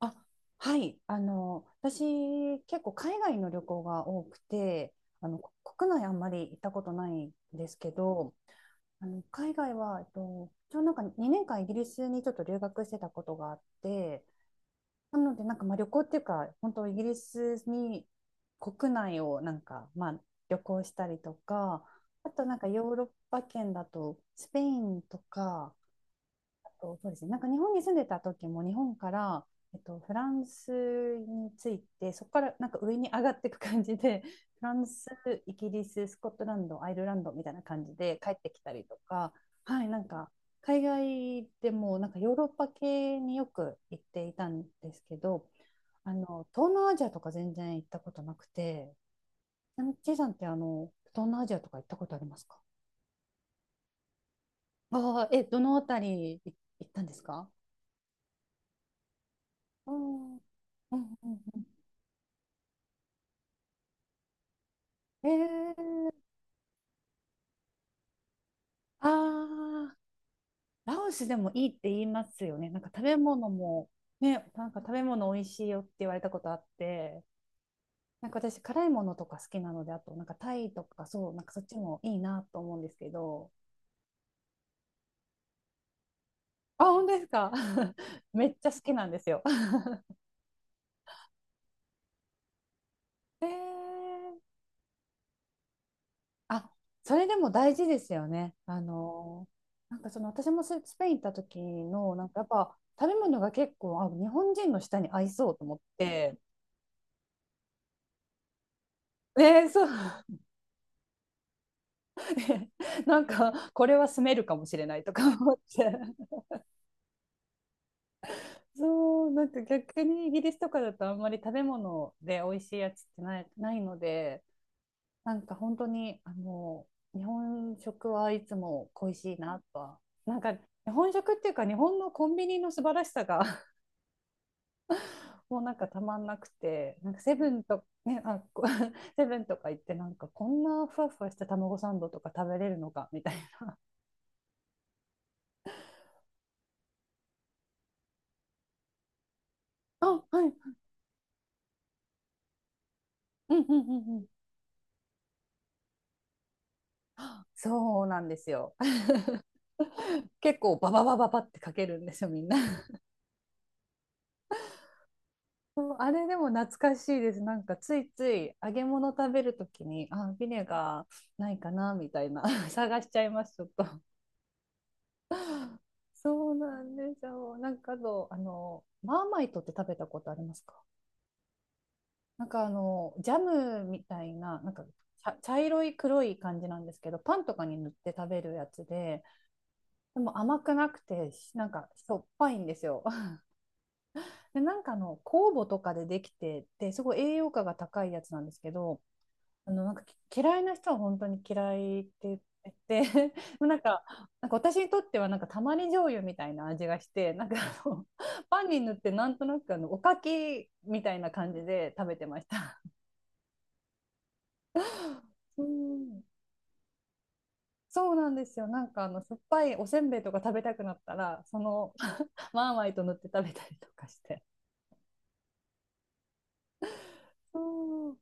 あはい、私、結構海外の旅行が多くて、あのこ国内あんまり行ったことないんですけど、海外は、ちょうどなんか2年間イギリスにちょっと留学してたことがあって、なのでなんかまあ旅行っていうか本当イギリスに国内をなんかまあ旅行したりとか、あとなんかヨーロッパ圏だとスペインとか。と、そうですね、なんか日本に住んでた時も日本から、フランスについて、そこからなんか上に上がっていく感じで フランス、イギリス、スコットランド、アイルランドみたいな感じで帰ってきたりとか。はい、なんか海外でもなんかヨーロッパ系によく行っていたんですけど、東南アジアとか全然行ったことなくて。ちなみにちいさんって、東南アジアとか行ったことありますか？ああ、え、どのあたり行ったんですか？うん、うん、うん、うん。えー、あー、ラオスでもいいって言いますよね。なんか食べ物も、ね、なんか食べ物美味しいよって言われたことあって、なんか私、辛いものとか好きなので、あと、なんかタイとか、そう、なんかそっちもいいなと思うんですけど、あ、本当ですか？ めっちゃ好きなんですよ。えー。あ、それでも大事ですよね。なんかその、私もスペイン行った時の、なんかやっぱ食べ物が結構、あ、日本人の舌に合いそうと思って、ね、そう。って なんかこれは住めるかもしれないとか思って。 そう、なんか逆にイギリスとかだとあんまり食べ物で美味しいやつってないので、なんか本当に日本食はいつも恋しいなとは、なんか日本食っていうか日本のコンビニの素晴らしさが、 もうなんかたまんなくて、なんかセブンと、ね、あ、 セブンとか行ってなんかこんなふわふわした卵サンドとか食べれるのかみたいな。あ、はい。うん、うん、うん、うん。そうなんですよ。結構バババババってかけるんですよ、みんな。 あれでも懐かしいです。なんかついつい揚げ物食べるときに、あ、ビネガーないかなみたいな。 探しちゃいますちょっと。そうなんですよ。なんかどう、マーマイトって食べたことありますか？なんかジャムみたいな、なんか茶色い黒い感じなんですけど、パンとかに塗って食べるやつで、でも甘くなくてなんかしょっぱいんですよ。で、なんか酵母とかでできてて、すごい栄養価が高いやつなんですけど、なんか嫌いな人は本当に嫌いって言って、で、 なんか、なんか私にとってはなんかたまり醤油みたいな味がして、なんかパンに塗ってなんとなくおかきみたいな感じで食べてました。うん。そうなんですよ。なんか酸っぱいおせんべいとか食べたくなったら、その、 マーマイト塗って食べたりとかして。うん。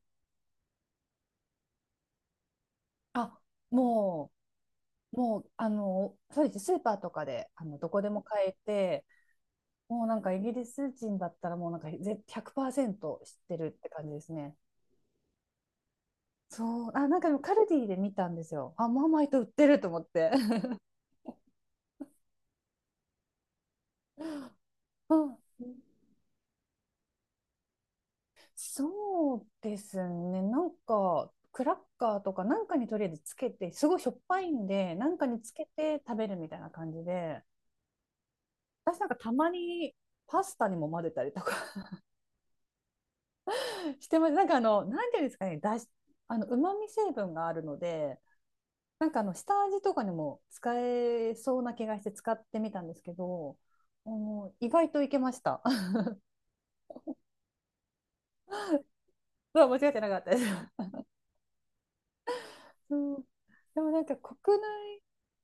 あ、もう。もう、そうですね。スーパーとかで、どこでも買えて、もうなんかイギリス人だったらもうなんか100%知ってるって感じですね。そう、あ、なんかでもカルディで見たんですよ。あ、マーマイト売ってると思って。うん。そうですね。なんか、クラッカーとかなんかにとりあえずつけて、すごいしょっぱいんで、なんかにつけて食べるみたいな感じで、私なんかたまにパスタにも混ぜたりとかしてます。なんかなんていうんですかね、だし、あの、旨味成分があるので、なんか下味とかにも使えそうな気がして使ってみたんですけど、意外といけました。そう、間違ってなかったです。そう。でもなんか国内、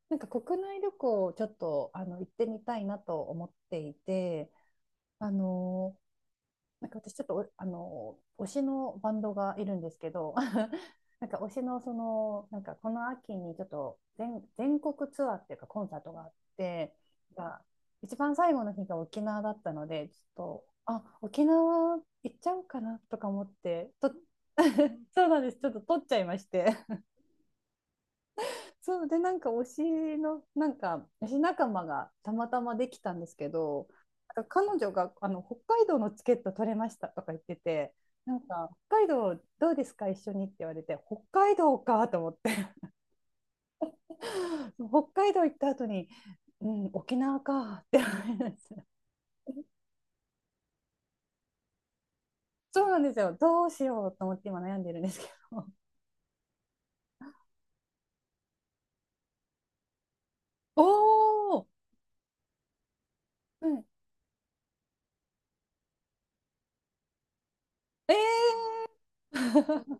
なんか国内旅行をちょっと行ってみたいなと思っていて、あのなんか私、ちょっと推しのバンドがいるんですけど、 なんか推しの、その、なんかこの秋にちょっと全国ツアーっていうかコンサートがあって、が、一番最後の日が沖縄だったので、ちょっと、あ、沖縄行っちゃおうかなとか思ってと。 そうなんです、ちょっと撮っちゃいまして。そうで、なんか推しの、なんか推し仲間がたまたまできたんですけど、なんか彼女が北海道のチケット取れましたとか言ってて、なんか北海道どうですか一緒にって言われて、北海道かと思って、 北海道行った後に、うん、沖縄かって思いました。そうなんですよ、どうしようと思って今悩んでるんですけど。おおー、うん、えー、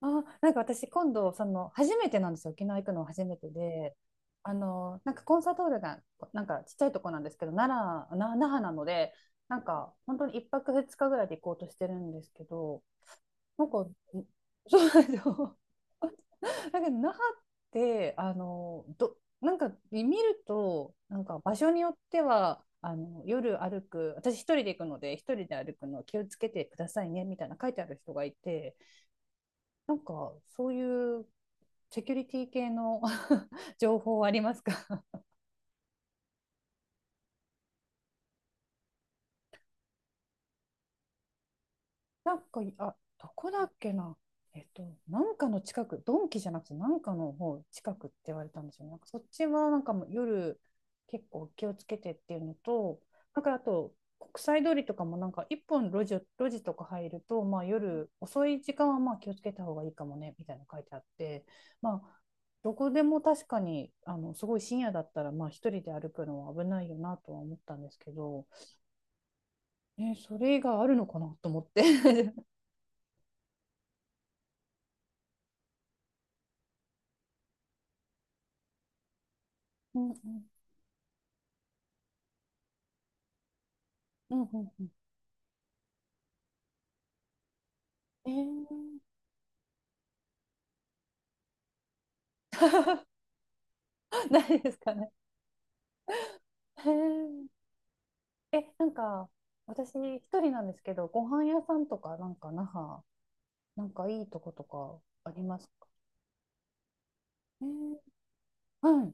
あ、なんか私今度、その、初めてなんですよ。沖縄行くのは初めてで、あの、なんかコンサートホールが、なんかちっちゃいとこなんですけど、奈良、な、那覇なので、なんか本当に一泊二日ぐらいで行こうとしてるんですけど、なんか、そうなんですよ。だけど、那覇って、あの、なんか見ると、なんか場所によっては、あの夜歩く、私一人で行くので、一人で歩くの気をつけてくださいねみたいな書いてある人がいて、なんかそういうセキュリティ系の 情報ありますか？ なんか、あ、どこだっけな。えっと、なんかの近く、ドンキじゃなくて、なんかの方近くって言われたんですよね。なんかそっちはなんかもう夜結構気をつけてっていうのと、なんかあと、国際通りとかもなんか一本路地とか入ると、まあ、夜遅い時間はまあ気をつけた方がいいかもねみたいなの書いてあって、まあ、どこでも確かに、あの、すごい深夜だったらまあ一人で歩くのは危ないよなとは思ったんですけど、え、それがあるのかなと思って。うん、うん、うん、うん、うん。 えー、ないですかね。へー。え、なんか私一人なんですけど、ご飯屋さんとかなんか那覇、なんかいいとことかありますか？えー、はい。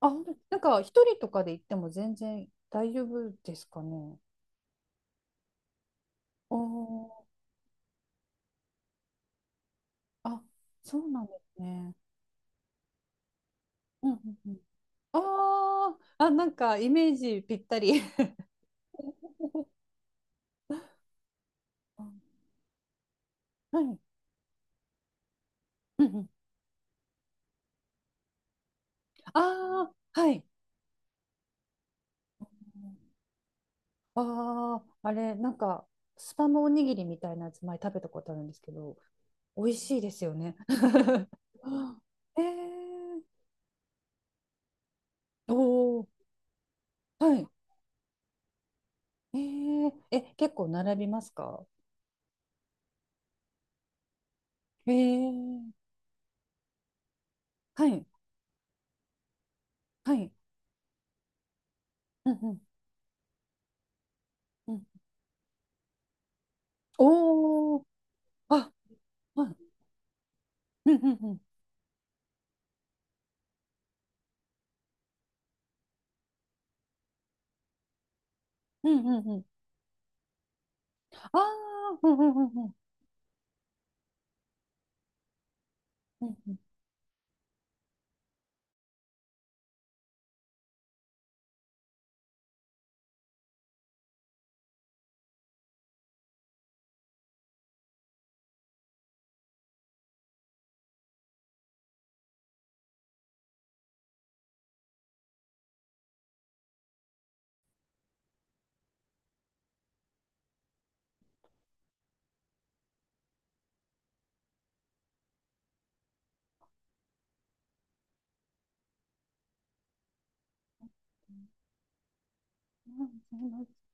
あ、ほんとなんか一人とかで行っても全然大丈夫ですかね？おー。あ、そうなんですね。うん、うん、うん。あー。あ、なんかイメージぴったり。あ、はい。うん、うん。ああ、はい。ああ、あれ、なんか、スパムおにぎりみたいなやつ前食べたことあるんですけど、美味しいですよね。あ。えー、おお、はい。えー、え、結構並びますか？えー、はい、はい。うん、うん、うん。おお、あ、はい。うん、うん、うん。うん、うん、うん。ああ、うん、うん、うん、うん。うん、うん